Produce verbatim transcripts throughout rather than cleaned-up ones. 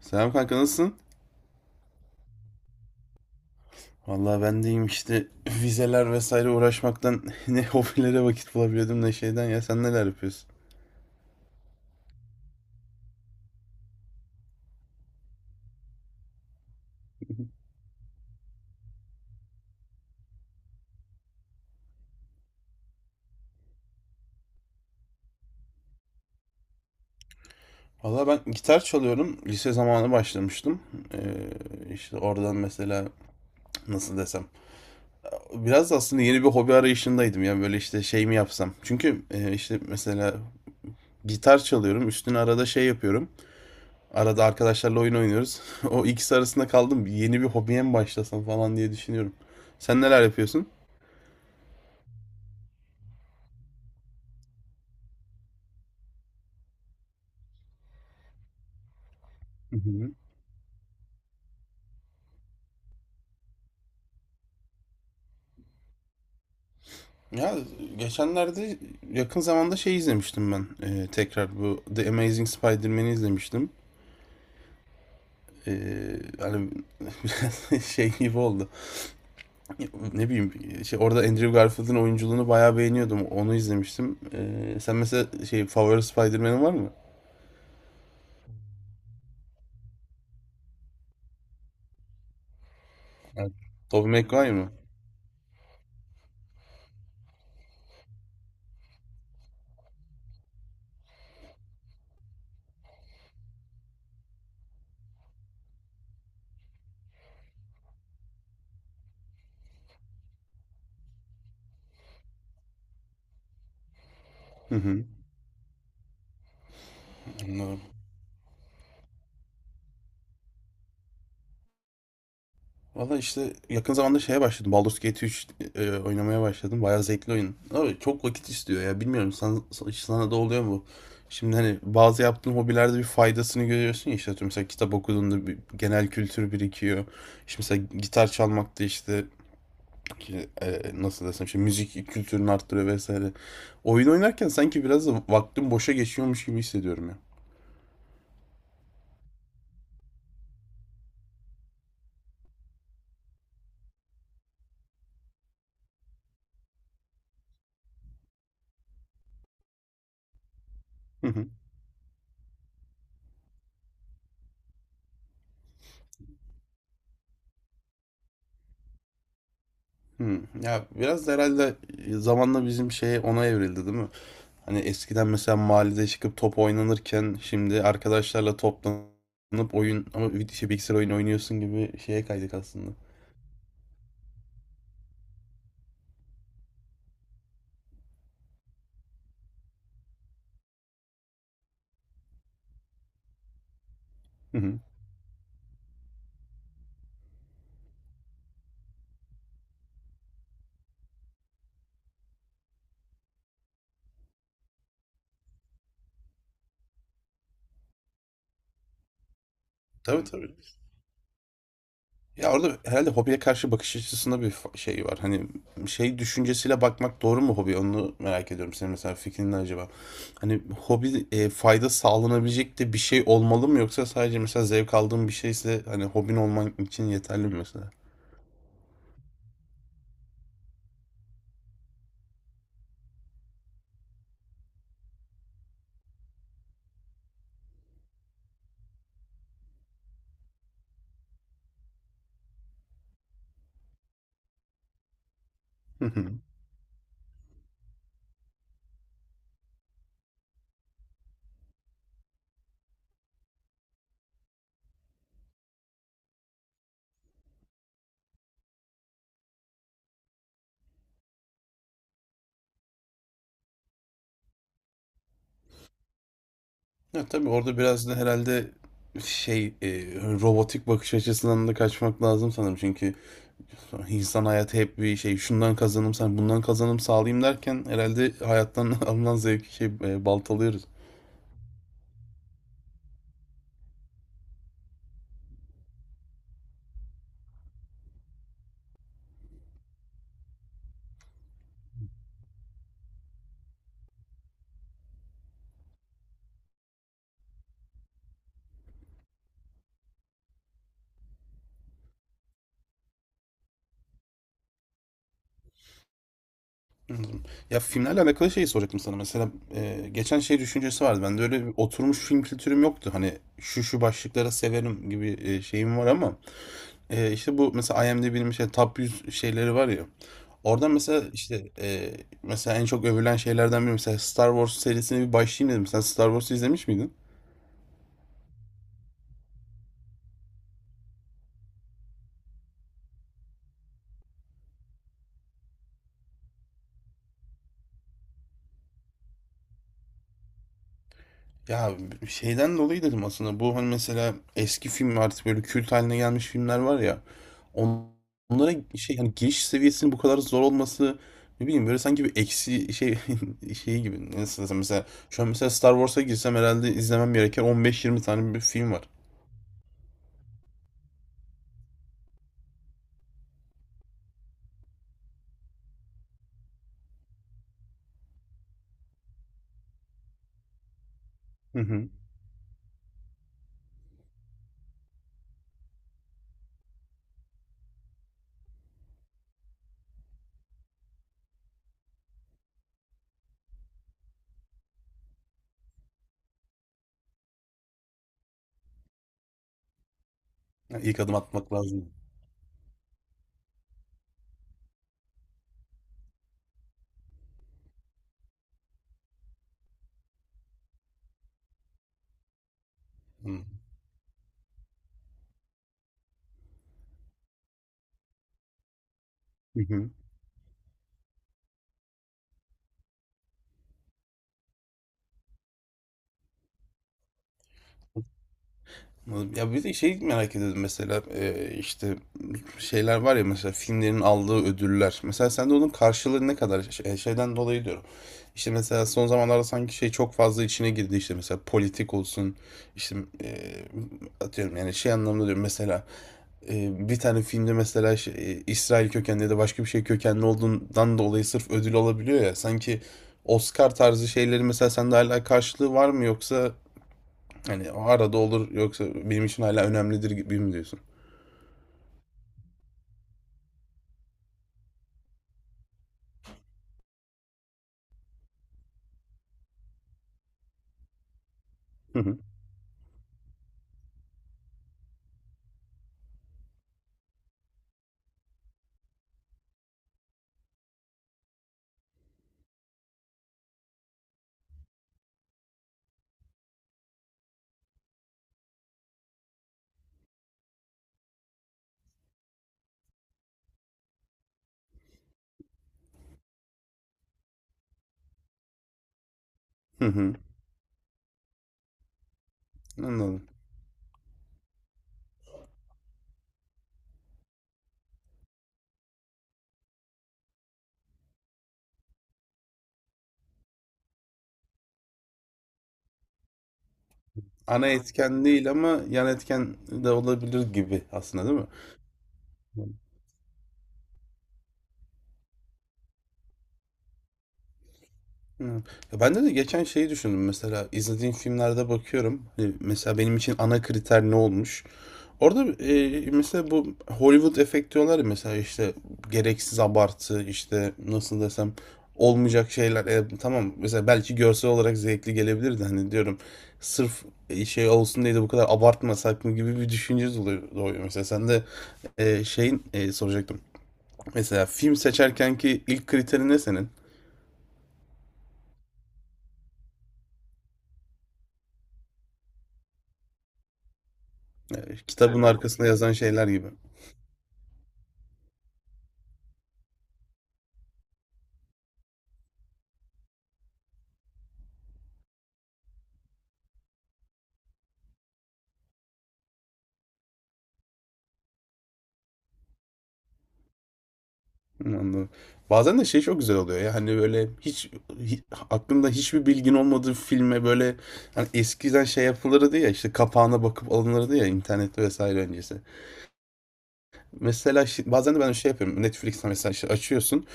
Selam kanka, nasılsın? Vallahi ben deyim işte vizeler vesaire uğraşmaktan ne hobilere vakit bulabiliyordum ne şeyden, ya sen neler yapıyorsun? Valla ben gitar çalıyorum. Lise zamanı başlamıştım. Ee, işte oradan mesela nasıl desem. Biraz da aslında yeni bir hobi arayışındaydım ya, böyle işte şey mi yapsam. Çünkü e, işte mesela gitar çalıyorum. Üstüne arada şey yapıyorum. Arada arkadaşlarla oyun oynuyoruz. O ikisi arasında kaldım. Yeni bir hobiye mi başlasam falan diye düşünüyorum. Sen neler yapıyorsun? Ya geçenlerde, yakın zamanda şey izlemiştim ben. Ee, tekrar bu The Amazing Spider-Man'i izlemiştim. Ee, hani biraz şey gibi oldu. Ne bileyim şey, orada Andrew Garfield'ın oyunculuğunu bayağı beğeniyordum. Onu izlemiştim. Ee, sen mesela şey, favori Spider-Man'in var mı? Evet. Tobey Maguire mı? Hı hı. Anladım. Valla işte yakın zamanda şeye başladım. Baldur's Gate üç e, oynamaya başladım. Bayağı zevkli oyun. Ama çok vakit istiyor ya. Bilmiyorum sana, sana da oluyor mu? Şimdi hani bazı yaptığın hobilerde bir faydasını görüyorsun ya, işte atıyorum mesela kitap okuduğunda bir genel kültür birikiyor. İşte mesela gitar çalmak da işte ki, e, nasıl desem, işte müzik kültürünü arttırıyor vesaire. Oyun oynarken sanki biraz da vaktim boşa geçiyormuş gibi hissediyorum ya. Hmm. Ya biraz da herhalde zamanla bizim şey ona evrildi, değil mi? Hani eskiden mesela mahallede çıkıp top oynanırken şimdi arkadaşlarla toplanıp oyun, ama bir şey, bilgisayar oyunu oynuyorsun gibi şeye kaydık aslında. Hı hı. Tabii, tabii. Ya orada herhalde hobiye karşı bakış açısında bir fa- şey var. Hani şey düşüncesiyle bakmak doğru mu hobi? Onu merak ediyorum. Senin mesela fikrin ne acaba? Hani hobi e, fayda sağlanabilecek de bir şey olmalı mı, yoksa sadece mesela zevk aldığın bir şeyse hani hobin olman için yeterli mi mesela? Hı hı. Ya tabii orada biraz da herhalde şey e, robotik bakış açısından da kaçmak lazım sanırım. Çünkü insan hayatı hep bir şey, şundan kazanım sen bundan kazanım sağlayayım derken herhalde hayattan alınan zevki şey e, baltalıyoruz. Anladım. Ya filmlerle alakalı şeyi soracaktım sana. Mesela e, geçen şey düşüncesi vardı. Bende öyle bir oturmuş film kültürüm yoktu. Hani şu şu başlıklara severim gibi e, şeyim var ama Eee, işte, bu mesela IMDb'nin mesela top yüz şeyleri var ya, orada mesela, işte, eee, mesela en çok övülen şeylerden biri, mesela Star Wars serisine bir başlayayım dedim. Sen Star Wars'u izlemiş miydin? Ya, şeyden dolayı dedim aslında bu, hani, mesela eski film, artık böyle kült haline gelmiş filmler var ya, on- onlara şey, hani, giriş seviyesinin bu kadar zor olması, ne bileyim, böyle sanki bir eksi şey şeyi gibi, nasıl desem, mesela şu an mesela Star Wars'a girsem herhâlde izlemem gereken on beş yirmi tane bir film var. Hı hı. Ya, ilk adım atmak lazım. Hı. Hı hı. Anladım. Ya bir de şey merak ediyordum, mesela e, işte şeyler var ya, mesela filmlerin aldığı ödüller. Mesela sen de onun karşılığı ne kadar, şey- şeyden dolayı diyorum. İşte mesela son zamanlarda sanki şey çok fazla içine girdi, işte mesela politik olsun işte, e, atıyorum yani şey anlamda diyorum, mesela e, bir tane filmde mesela şey, e, İsrail kökenli ya da başka bir şey kökenli olduğundan dolayı sırf ödül alabiliyor ya, sanki Oscar tarzı şeyleri mesela sende hala karşılığı var mı, yoksa hani o arada olur yoksa benim için hala önemlidir gibi mi diyorsun? Hı hı. Hı hı. Anladım. Ana etken değil ama yan etken de olabilir gibi aslında, değil mi? Evet. Ya ben de de geçen şeyi düşündüm, mesela izlediğim filmlerde bakıyorum, hani mesela benim için ana kriter ne olmuş orada. E, mesela bu Hollywood efekt diyorlar ya, mesela işte gereksiz abartı, işte nasıl desem olmayacak şeyler. E, tamam, mesela belki görsel olarak zevkli gelebilirdi, hani diyorum sırf e, şey olsun diye de bu kadar abartmasak mı gibi bir düşünce oluyor, doğuyor. Mesela sen de e, şeyin e, soracaktım, mesela film seçerken ki ilk kriterin ne senin? E, Kitabın yani o- arkasında yazan şeyler gibi. Hı, anladım. Bazen de şey çok güzel oluyor ya, hani böyle hiç, hi- aklında hiçbir bilgin olmadığı filme böyle, hani eskiden şey yapılırdı ya, işte kapağına bakıp alınırdı ya internette vesaire öncesi. Mesela şi- bazen de ben şey yapıyorum Netflix'te, mesela işte açıyorsun,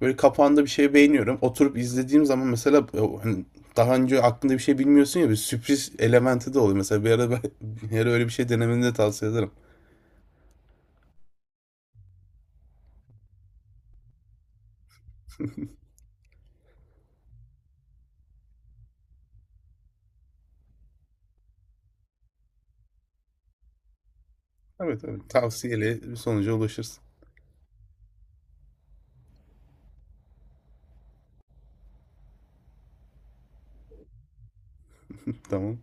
böyle kapağında bir şey beğeniyorum, oturup izlediğim zaman mesela e, o hani daha önce aklında bir şey bilmiyorsun ya, bir sürpriz elementi de oluyor. Mesela bir ara, ben, bir ara öyle bir şey denemeni de tavsiye ederim. Evet, evet. Tavsiyeli bir sonuca ulaşırsın. Tamam.